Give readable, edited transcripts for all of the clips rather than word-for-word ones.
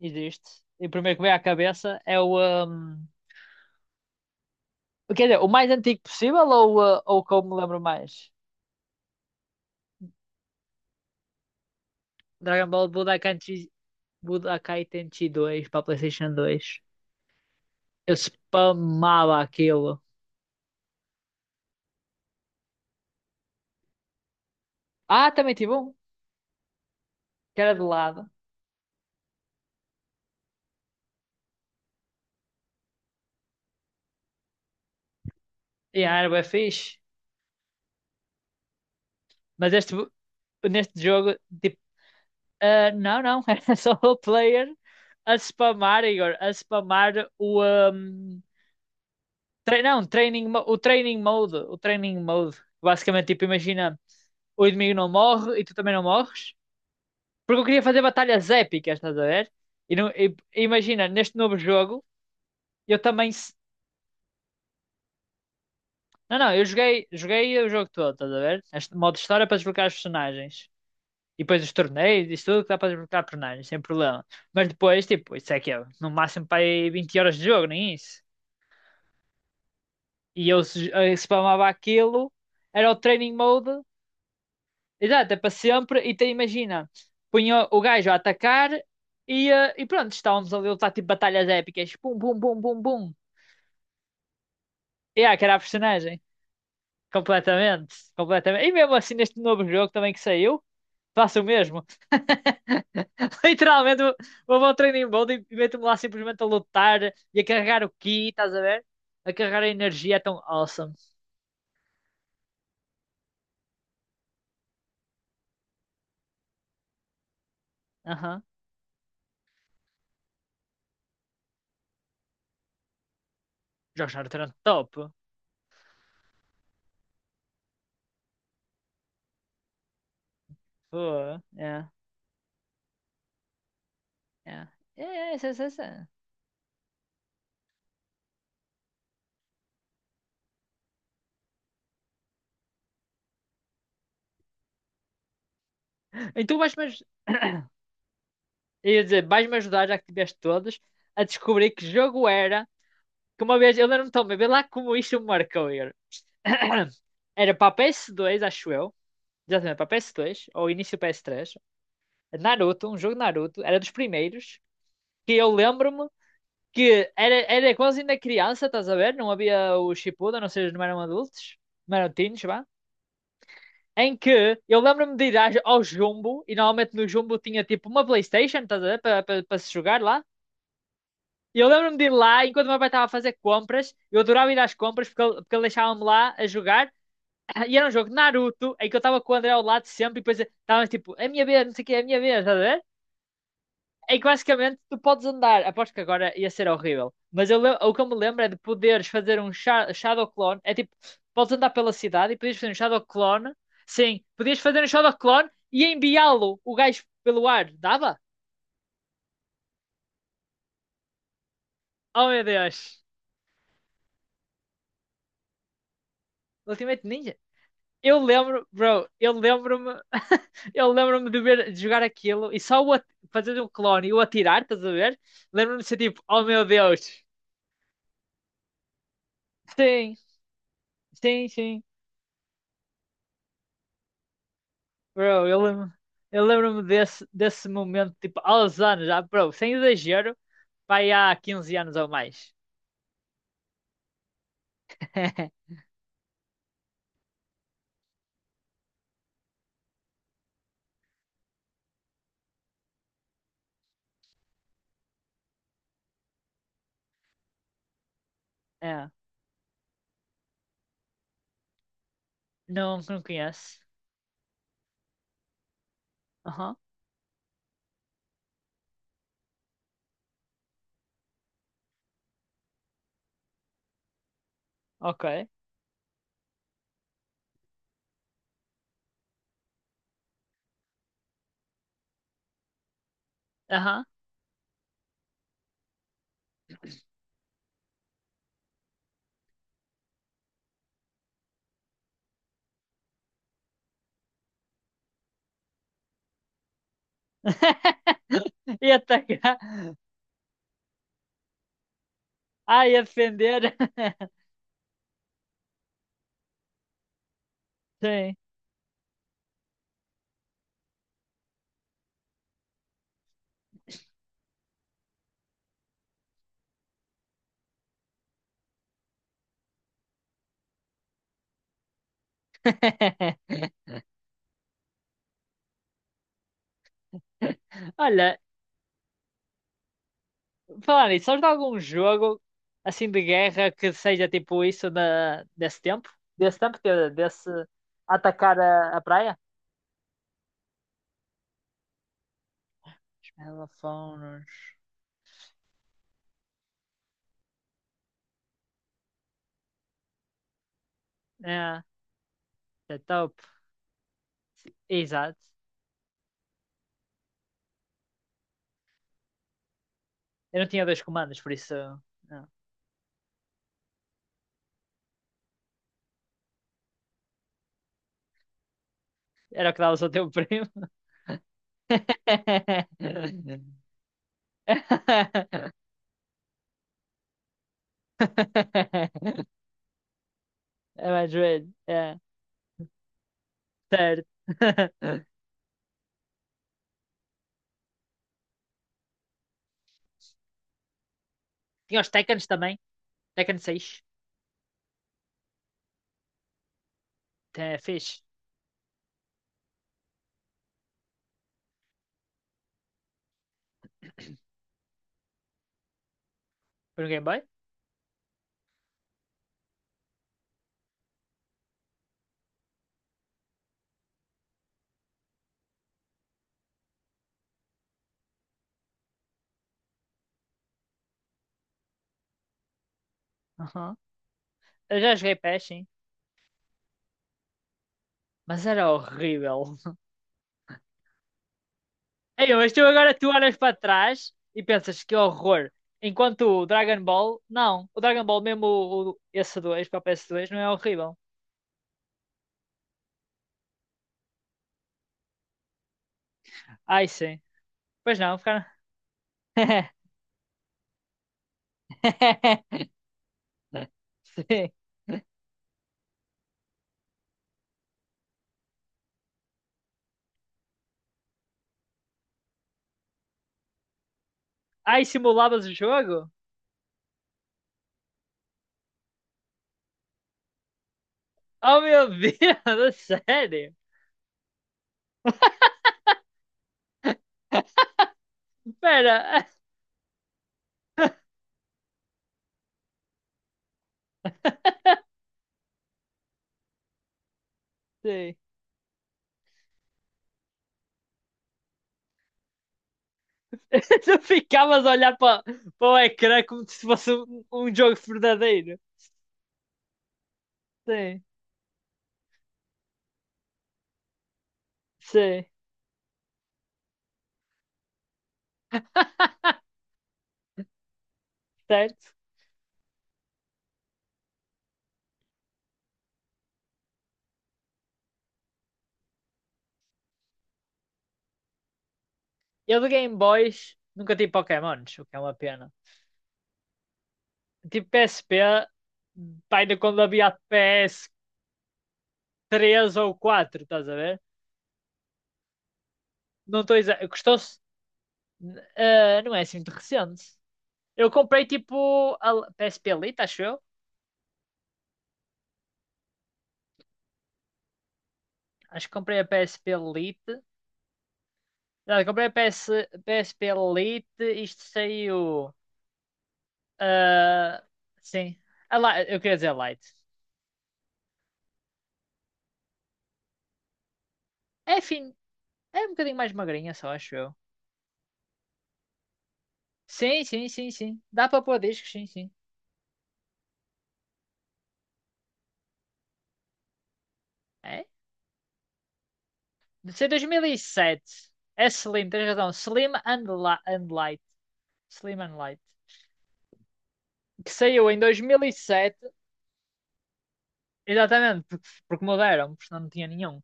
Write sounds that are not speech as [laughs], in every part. Existe. E o primeiro que vem à cabeça é o. hum, Quer dizer, o mais antigo possível ou o que eu me lembro mais? Dragon Ball Budokai, Budokai Tenchi 2 para PlayStation 2. Eu spamava aquilo. Ah, também tive um, que era de lado. Era bem fixe. Mas este, neste jogo, tipo, ah, não, não, [laughs] era só o player a spamar, Igor, a spamar o. hum, não, training, o training mode. O training mode. Basicamente, tipo, imagina. O inimigo não morre e tu também não morres. Porque eu queria fazer batalhas épicas, estás a ver? E imagina, neste novo jogo, eu também. Não, não, eu joguei o jogo todo, estás a ver? Este modo de história é para desbloquear os personagens. E depois os torneios, isso tudo que dá para desbloquear personagens, sem problema. Mas depois, tipo, isso é que é no máximo para aí 20 horas de jogo, nem isso. E eu, se- eu spamava aquilo, era o training mode. Exato, é para sempre. E te imagina, punha o gajo a atacar e pronto, estávamos ali a lutar tipo batalhas épicas. Pum, pum, pum, pum, pum. Que era a personagem. Completamente, completamente. E mesmo assim, neste novo jogo também que saiu, faço o mesmo. [laughs] Literalmente, vou ao training mode e meto-me lá simplesmente a lutar e a carregar o ki, estás a ver? A carregar a energia é tão awesome. Aham. Jogos de Naruto eram top. Pô, é, é. É, é, é, é, é. Então, mas [coughs] eu ia dizer, vais-me ajudar, já que tiveste todos, a descobrir que jogo era. Que uma vez, eu lembro-me tão bem, vê lá como isto me marcou. Igor. [coughs] [clears throat] Era para PS2, acho eu. Exatamente, para PS2, ou início PS3. Naruto, um jogo de Naruto, era dos primeiros. Que eu lembro-me que era quase ainda criança, estás a ver? Não havia o Shippuden, ou seja, não eram adultos, não eram teens, vá. Em que eu lembro-me de ir ao Jumbo, e normalmente no Jumbo tinha tipo uma PlayStation, estás a ver? Para se jogar lá. E eu lembro-me de ir lá, enquanto o meu pai estava a fazer compras, eu adorava ir às compras porque ele deixava-me lá a jogar. E era um jogo de Naruto, em que eu estava com o André ao lado sempre, e depois estava tipo, é a minha vez, não sei o que, é a minha vez, estás a ver? Em que basicamente tu podes andar, aposto que agora ia ser horrível, mas o que eu me lembro é de poderes fazer um Shadow Clone, é tipo, podes andar pela cidade e podias fazer um Shadow Clone, sim, podias fazer um Shadow Clone e enviá-lo, o gajo, pelo ar, dava? Oh meu Deus! Ultimate Ninja? Bro, eu lembro-me, [laughs] eu lembro-me de ver, de jogar aquilo e só o fazer um clone e o atirar, estás a ver? Lembro-me de ser tipo, oh meu Deus. Sim, sim, sim. Bro, eu lembro-me desse momento, tipo, há uns anos, já, bro, sem exagero, vai há 15 anos ou mais. [laughs] É, não, não conheço. Aham, ok. Aham. [laughs] E atacar. Ai, a defender. [laughs] Sim. [laughs] Olha, falar nisso, sabes de algum jogo assim de guerra que seja tipo isso na, desse tempo? Desse tempo, quer dizer, desse atacar a praia? Megafonos. É, é top. Exato. Eu não tinha dois comandos, por isso. Não. Era o que dava ao teu primo. [laughs] É mais velho. É, certo. [laughs] Tinha os Tekkens também. Tekken 6. É, fixe. Foi no Game Boy? Aham. Eu já joguei PES, sim. Mas era horrível. [laughs] Ei, mas tu agora tu olhas para trás e pensas que horror. Enquanto o Dragon Ball, não. O Dragon Ball, mesmo esse 2 para o ps dois não é horrível. Ai, sim. Pois não, ficaram. [laughs] Sim. Ai, simulavas o jogo? Oh, meu Deus, [laughs] a sério? Espera. [laughs] Sim. [laughs] Tu ficavas a olhar para o ecrã como se fosse um jogo verdadeiro. Sim, sim, certo? Eu de Game Boys nunca tive Pokémons, o que é uma pena. Tipo PSP, pá, ainda quando havia PS3 ou PS4, estás a ver? Não estou exagerando. Custou-se. Não é assim muito recente. Eu comprei tipo a PSP Lite, acho eu. Acho que comprei a PSP Lite. Não, eu comprei a PS, PSP Lite. Isto saiu. Ah, sim. Eu queria dizer Lite. É, enfim, é um bocadinho mais magrinha, só acho eu. Sim, sim, sim, sim. Dá para pôr discos, sim, sim. É? De ser 2007. É Slim, tens razão. Slim and Light. Slim and Light. Que saiu em 2007. Exatamente, porque mudaram, porque senão não tinha nenhum.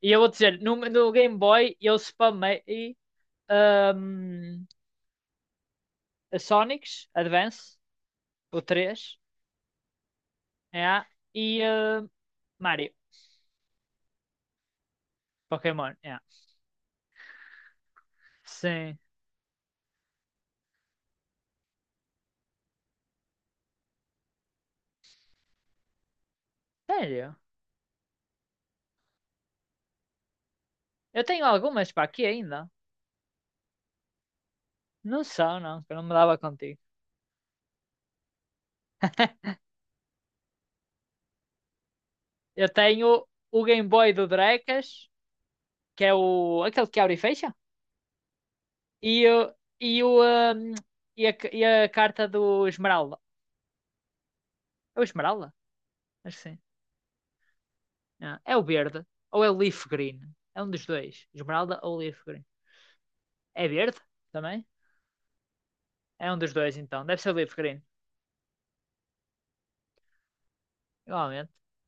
E eu vou dizer, no Game Boy eu spamei ahm, a Sonic's Advance, o 3, yeah, e Mario, Pokémon, yeah. Sim. Sério? Eu tenho algumas para aqui ainda. Não são, não, que eu não me dava contigo. [laughs] Eu tenho o Game Boy do Drecas, que é o aquele que abre e fecha, e, o- e, o, hum, e a carta do Esmeralda. É o Esmeralda? Acho que sim. Ah, é o verde. Ou é o Leaf Green. É um dos dois. Esmeralda ou Leaf Green. É verde também? É um dos dois então. Deve ser o Leaf Green. Igualmente.